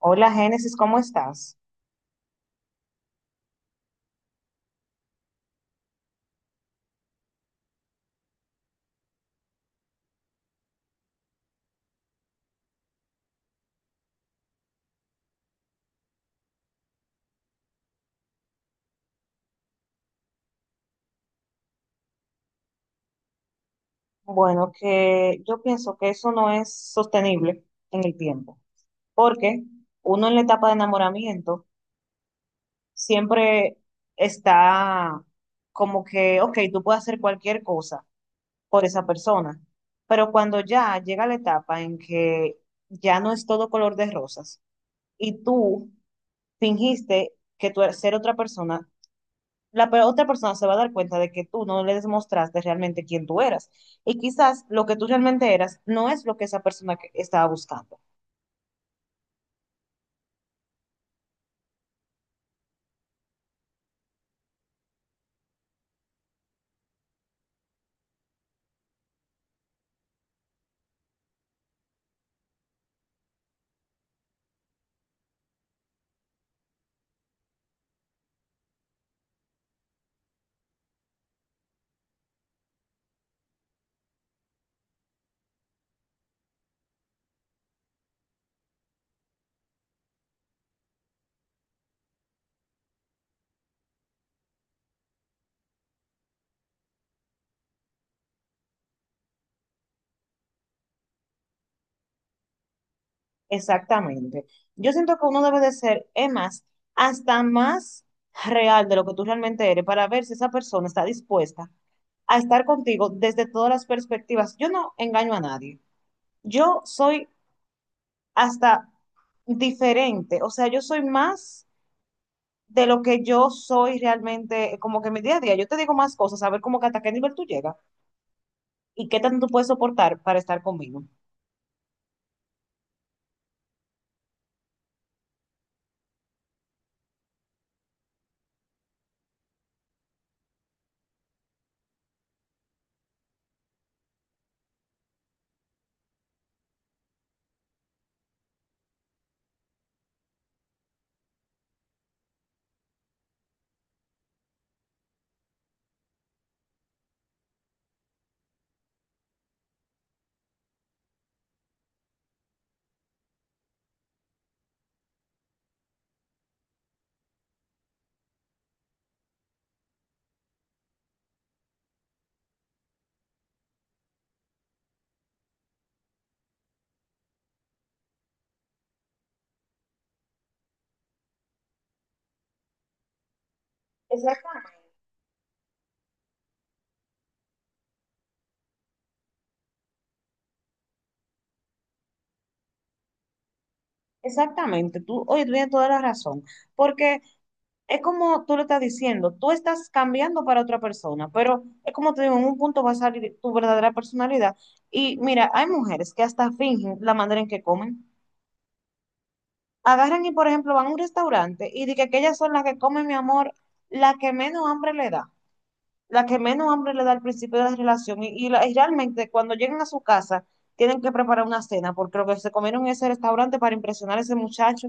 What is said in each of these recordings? Hola, Génesis, ¿cómo estás? Bueno, que yo pienso que eso no es sostenible en el tiempo, porque uno en la etapa de enamoramiento siempre está como que, ok, tú puedes hacer cualquier cosa por esa persona, pero cuando ya llega la etapa en que ya no es todo color de rosas y tú fingiste que tú eres ser otra persona, otra persona se va a dar cuenta de que tú no le demostraste realmente quién tú eras. Y quizás lo que tú realmente eras no es lo que esa persona que estaba buscando. Exactamente. Yo siento que uno debe de ser, es más, hasta más real de lo que tú realmente eres para ver si esa persona está dispuesta a estar contigo desde todas las perspectivas. Yo no engaño a nadie. Yo soy hasta diferente, o sea, yo soy más de lo que yo soy realmente, como que en mi día a día, yo te digo más cosas, a ver como que hasta qué nivel tú llegas y qué tanto tú puedes soportar para estar conmigo. Exacta- Exactamente, tú, oye, tú tienes toda la razón, porque es como tú lo estás diciendo, tú estás cambiando para otra persona, pero es como te digo, en un punto va a salir tu verdadera personalidad. Y mira, hay mujeres que hasta fingen la manera en que comen. Agarran y, por ejemplo, van a un restaurante y dicen que ellas son las que comen, mi amor, la que menos hambre le da. La que menos hambre le da al principio de la relación y y realmente cuando llegan a su casa tienen que preparar una cena porque lo que se comieron en ese restaurante para impresionar a ese muchacho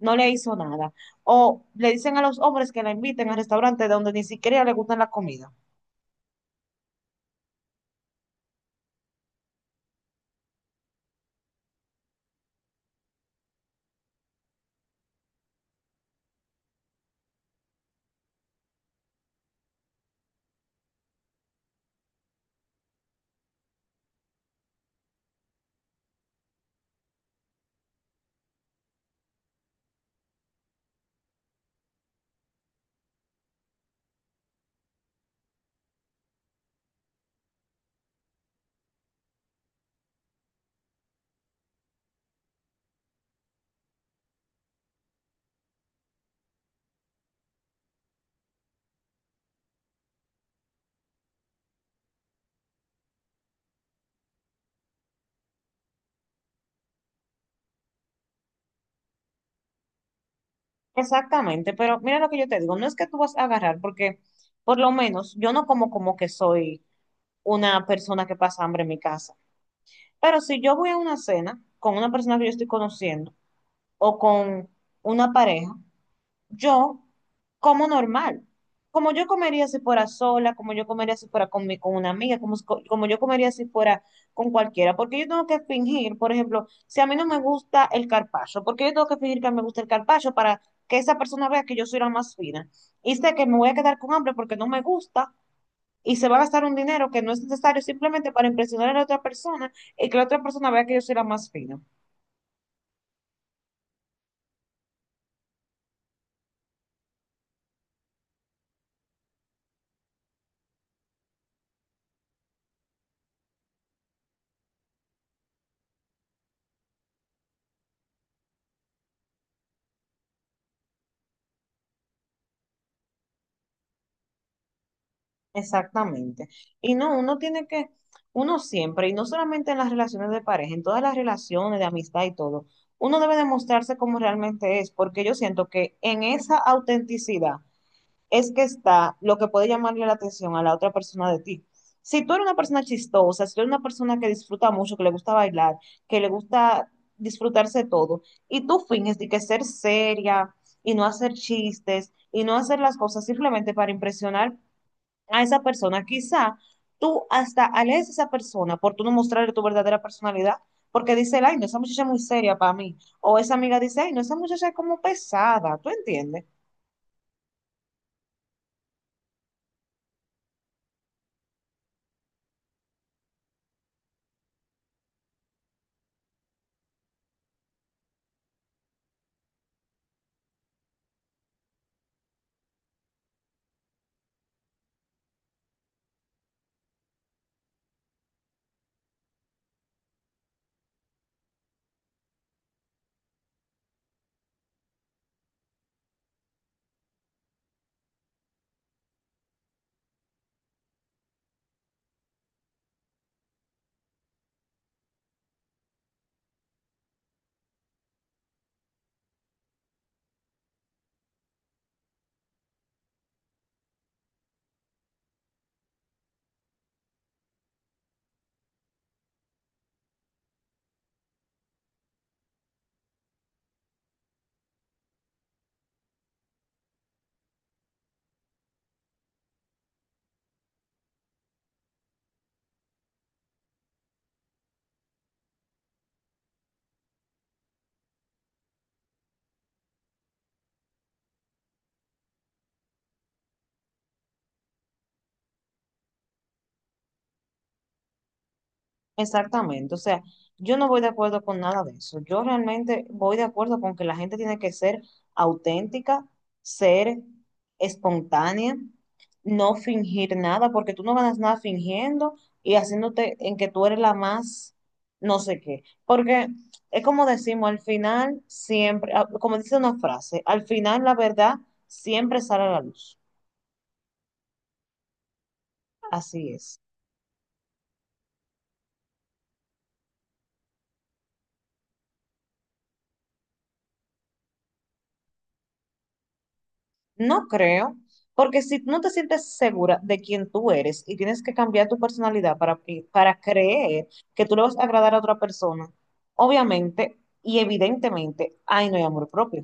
no le hizo nada. O le dicen a los hombres que la inviten al restaurante donde ni siquiera le gustan la comida. Exactamente, pero mira lo que yo te digo, no es que tú vas a agarrar porque, por lo menos, yo no como como que soy una persona que pasa hambre en mi casa. Pero si yo voy a una cena con una persona que yo estoy conociendo o con una pareja, yo como normal. Como yo comería si fuera sola, como yo comería si fuera con una amiga, como, como yo comería si fuera con cualquiera. Porque yo tengo que fingir, por ejemplo, si a mí no me gusta el carpaccio, porque yo tengo que fingir que me gusta el carpaccio para que esa persona vea que yo soy la más fina. Y sé que me voy a quedar con hambre porque no me gusta y se va a gastar un dinero que no es necesario simplemente para impresionar a la otra persona y que la otra persona vea que yo soy la más fina. Exactamente. Y no, uno siempre, y no solamente en las relaciones de pareja, en todas las relaciones de amistad y todo, uno debe demostrarse como realmente es, porque yo siento que en esa autenticidad es que está lo que puede llamarle la atención a la otra persona de ti. Si tú eres una persona chistosa, si tú eres una persona que disfruta mucho, que le gusta bailar, que le gusta disfrutarse todo, y tú finges de que ser seria y no hacer chistes y no hacer las cosas simplemente para impresionar a esa persona. Quizá tú hasta alejes a esa persona por tú no mostrarle tu verdadera personalidad, porque dice, ay, no, esa muchacha es muy seria para mí. O esa amiga dice, ay, no, esa muchacha es como pesada, ¿tú entiendes? Exactamente, o sea, yo no voy de acuerdo con nada de eso. Yo realmente voy de acuerdo con que la gente tiene que ser auténtica, ser espontánea, no fingir nada, porque tú no ganas nada fingiendo y haciéndote en que tú eres la más no sé qué. Porque es como decimos, al final siempre, ah, como dice una frase, al final la verdad siempre sale a la luz. Así es. No creo, porque si no te sientes segura de quién tú eres y tienes que cambiar tu personalidad para creer que tú le vas a agradar a otra persona, obviamente y evidentemente, ahí no hay amor propio.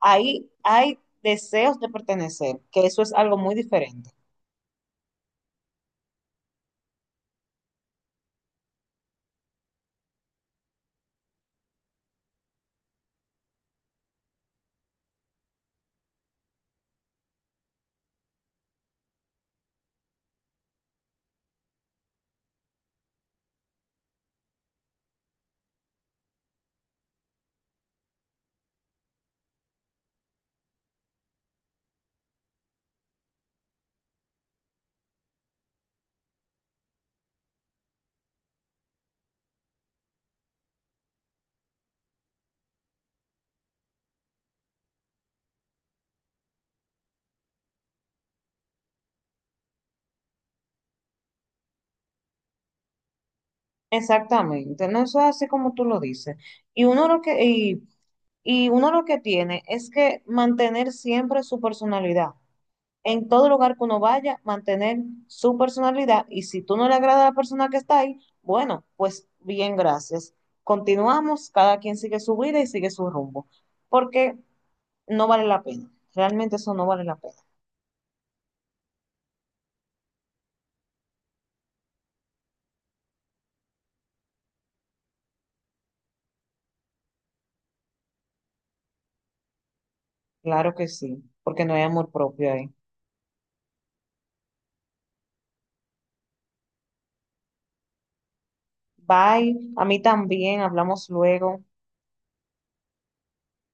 Ahí hay deseos de pertenecer, que eso es algo muy diferente. Exactamente, no, eso es así como tú lo dices. Y uno lo que, y Y uno lo que tiene es que mantener siempre su personalidad. En todo lugar que uno vaya, mantener su personalidad. Y si tú no le agrada a la persona que está ahí, bueno, pues bien, gracias. Continuamos, cada quien sigue su vida y sigue su rumbo. Porque no vale la pena. Realmente eso no vale la pena. Claro que sí, porque no hay amor propio ahí. Bye, a mí también, hablamos luego.